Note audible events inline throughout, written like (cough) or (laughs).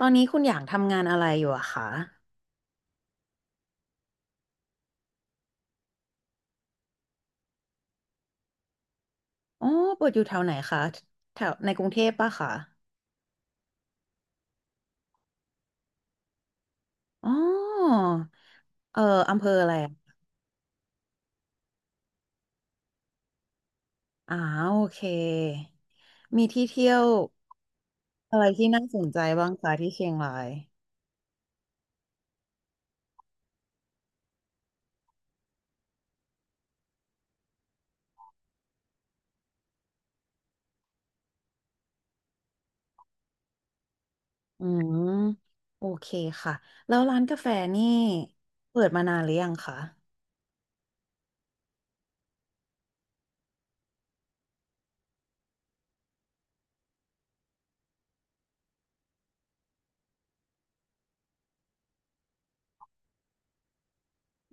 ตอนนี้คุณอย่างทำงานอะไรอยู่อะคะอ๋อเปิดอยู่แถวไหนคะแถวในกรุงเทพปะคะอ๋อเอออำเภออะไรอะอ๋อโอเค มีที่เที่ยวอะไรที่น่าสนใจบ้างคะที่เชียงรายอืม โอเคค่ะ แล้วร้านกาแฟนี่เปิดมานานหรือยังคะ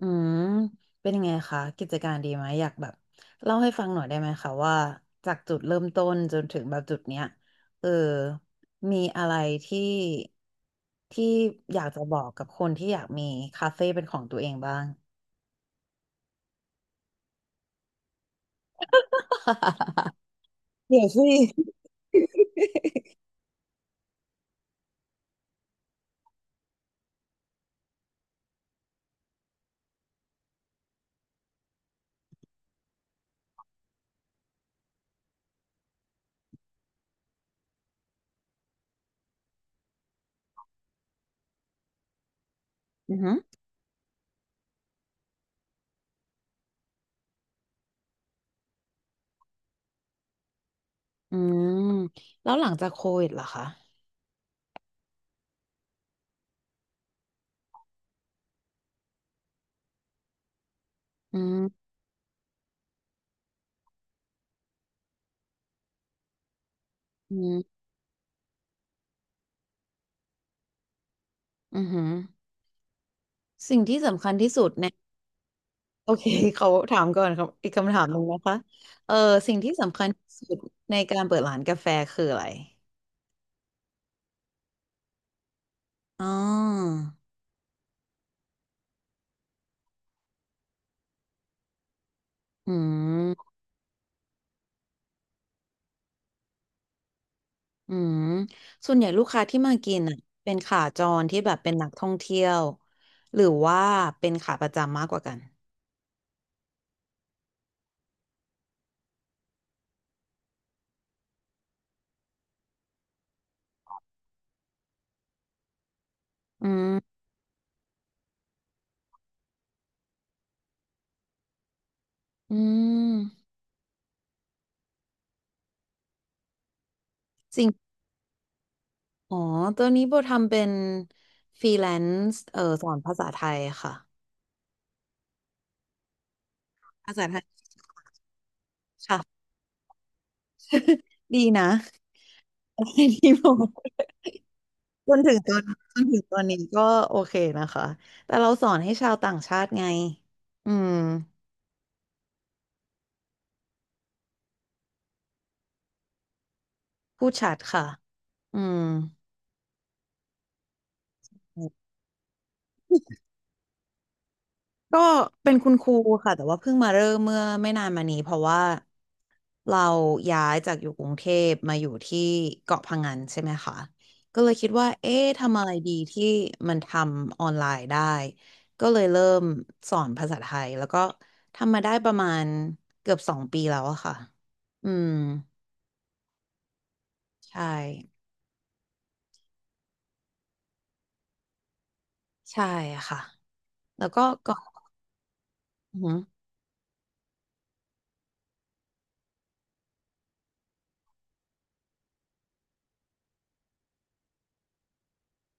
อืมเป็นยังไงคะกิจการดีไหมอยากแบบเล่าให้ฟังหน่อยได้ไหมคะว่าจากจุดเริ่มต้นจนถึงแบบจุดเนี้ยเออมีอะไรที่ที่อยากจะบอกกับคนที่อยากมีคาเฟ่เป็นของตัวเองบ้าง (laughs) เดี๋ยวสิอือหืออืมแล้วหลังจากโควิดล่ะคะอืมอืมอือหือสิ่งที่สำคัญที่สุดใน โอเค (laughs) เขาถามก่อนครับอีกคำถามหนึ่งนะคะเออสิ่งที่สำคัญที่สุดในการเปิดร้านกาแฟคืออะไรอ๋ออืมอืมส่วนใหญ่ลูกค้าที่มากินอ่ะเป็นขาจรที่แบบเป็นนักท่องเที่ยวหรือว่าเป็นขาประจำมากกว่ากันอืมอืมสิ่งอ๋อตอนนี้โบทำเป็นฟรีแลนซ์สอนภาษาไทยค่ะภาษาไทยค่ะ ดีนะ (laughs) ดีโบ จนถึงตอนจนถึงตอนนี้ก็โอเคนะคะแต่เราสอนให้ชาวต่างชาติไงอืมพูดชัดค่ะอืมก็เป็นคุณครูค่ะแต่ว่าเพิ่งมาเริ่มเมื่อไม่นานมานี้เพราะว่าเราย้ายจากอยู่กรุงเทพมาอยู่ที่เกาะพะงันใช่ไหมคะก็เลยคิดว่าเอ๊ะทำอะไรดีที่มันทำออนไลน์ได้ก็เลยเริ่มสอนภาษาไทยแล้วก็ทำมาได้ประมาณเกือบสองปีแล้วอะค่ะอืม ใช่ใช่ค่ะแล้วก็ก่อนอือหือ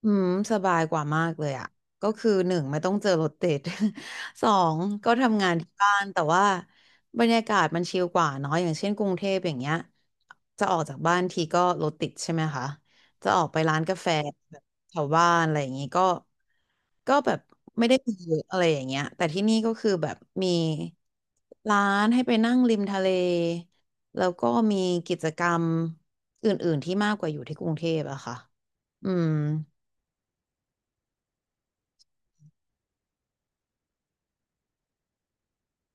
อืมสบายกว่ามากเลยอ่ะก็คือหนึ่งไม่ต้องเจอรถติด (laughs) สองก็ทำงานที่บ้านแต่ว่าบรรยากาศมันชิลกว่าเนาะอย่างเช่นกรุงเทพอย่างเงี้ยจะออกจากบ้านทีก็รถติดใช่ไหมคะจะออกไปร้านกาแฟแบบแถวบ้านอะไรอย่างงี้ก็ก็แบบไม่ได้มีเยอะอะไรอย่างเงี้ยแต่ที่นี่ก็คือแบบมีร้านให้ไปนั่งริมทะเลแล้วก็มีกิจกรรมอื่นๆที่มากกว่าอยู่ที่กรุงเทพอะค่ะอืม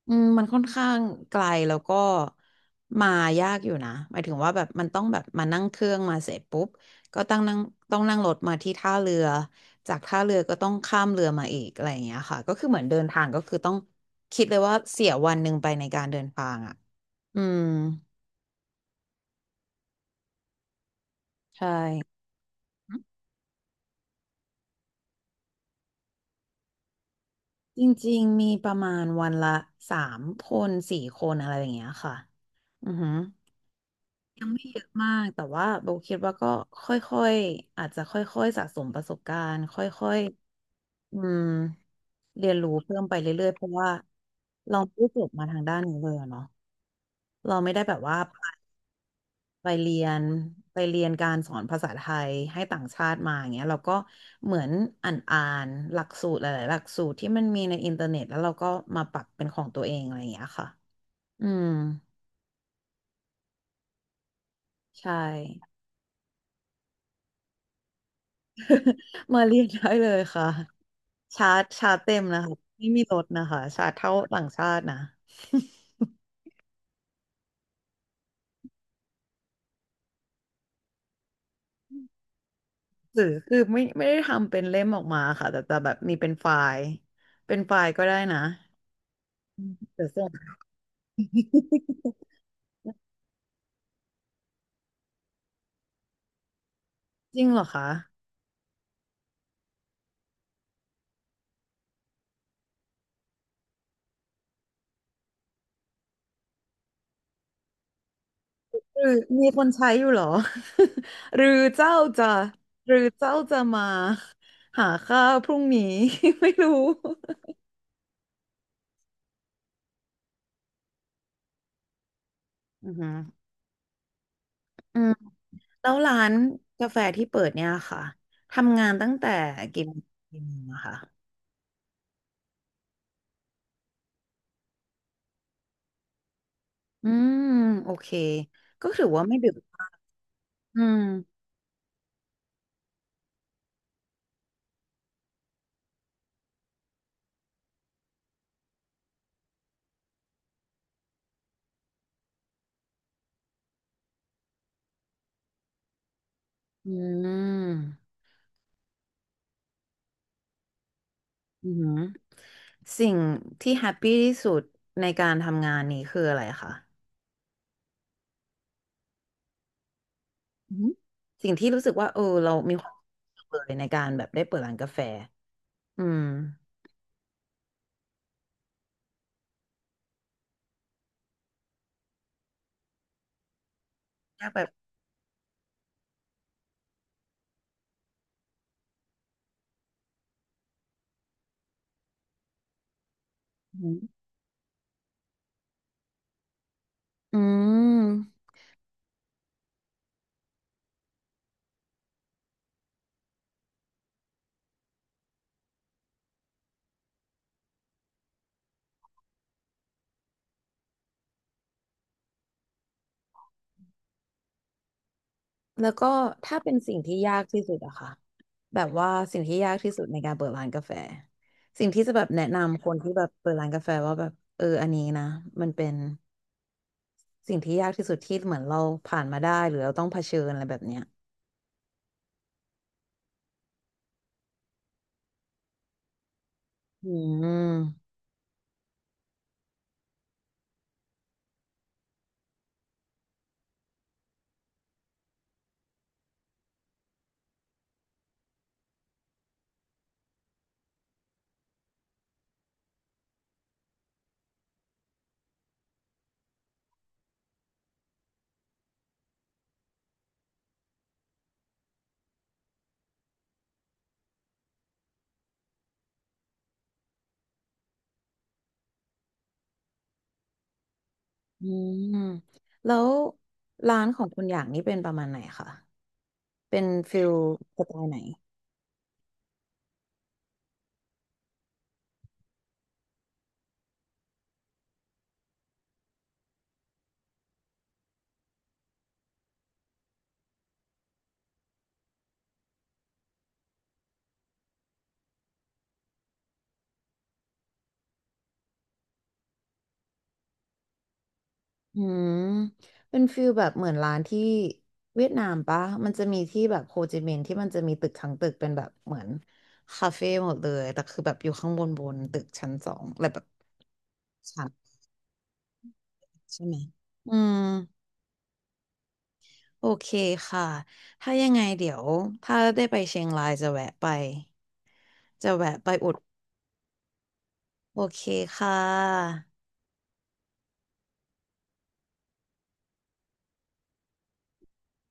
อืมมันค่อนข้างไกลแล้วก็มายากอยู่นะหมายถึงว่าแบบมันต้องแบบมานั่งเครื่องมาเสร็จปุ๊บก็ต้องนั่งรถมาที่ท่าเรือจากท่าเรือก็ต้องข้ามเรือมาอีกอะไรอย่างเงี้ยค่ะก็คือเหมือนเดินทางก็คือต้องคิดเลยว่าเสียวันหนึ่งไปในการเดินทางอ่ะอืมใช่จริงๆมีประมาณวันละสามคนสี่คนอะไรอย่างเงี้ยค่ะอือหือ ยังไม่เยอะมากแต่ว่าโบคิดว่าก็ค่อยๆอาจจะค่อยๆสะสมประสบการณ์ค่อยๆอืมเรียนรู้เพิ่มไปเรื่อยๆเพราะว่าเราไม่ได้จบมาทางด้านนี้เลยอะเนาะเราไม่ได้แบบว่าไปเรียนไปเรียนการสอนภาษาไทยให้ต่างชาติมาอย่างเงี้ยเราก็เหมือนอ่านหลักสูตรหลายๆหลักสูตรที่มันมีในอินเทอร์เน็ตแล้วเราก็มาปรับเป็นของตัวเองอะไรอย่างเงี้ยค่ะอืมใช่ (laughs) มาเรียนได้เลยค่ะ ชาร์จเต็มนะคะไม่มีลดนะคะชาร์จเท่าต่างชาตินะ (laughs) หรือคือไม่ได้ทำเป็นเล่มออกมาค่ะแต่แบบมีเป็นไฟล์เป็นไฟล์ก็ได้นะอืมเดี๋ยวส่ง (laughs) จริงเหรอคะหรือมีคนใช้อยู่เหรอ (laughs) หรือเจ้าจะหรือเจ้าจะมาหาข้าวพรุ่งนี้ (laughs) ไม่รู้อือฮึอืมแล้วร้านกาแฟที่เปิดเนี่ยค่ะทำงานตั้งแต่กี่โมงถึงกี่โมงอะคะ อืมโอเคก็ถือว่าไม่ดึกอืมอืมอืมสิ่งที่แฮปปี้ที่สุดในการทำงานนี้คืออะไรคะอืมสิ่งที่รู้สึกว่าเออเรามีความสุขเลยในการแบบได้เปิดร้านกาแฟอืมยากแบบอืมอืมแล้วก็ถ้าเป็นสิ่งที่ยากที่สุดอะค่ะแบบว่าสิ่งที่ยากที่สุดในการเปิดร้านกาแฟสิ่งที่จะแบบแนะนำคนที่แบบเปิดร้านกาแฟว่าแบบเอออันนี้นะมันเป็น สิ่งที่ยากที่สุดที่เหมือนเราผ่านมาได้หรือเราต้องเผชิญอะไรแบบเนี้ยอืมอืมแล้วร้านของคุณอย่างนี้เป็นประมาณไหนคะเป็นฟิลสไตล์ไหนอืมเป็นฟิลแบบเหมือนร้านที่เวียดนามปะมันจะมีที่แบบโฮจิมินห์ที่มันจะมีตึกทั้งตึกเป็นแบบเหมือนคาเฟ่หมดเลยแต่คือแบบอยู่ข้างบนบนตึกชั้นสองอะไรแบบชั้นใช่ไหมอืม โอเคค่ะ ถ้ายังไงเดี๋ยวถ้าได้ไปเชียงรายจะแวะไป จะแวะไปอุด โอเคค่ะ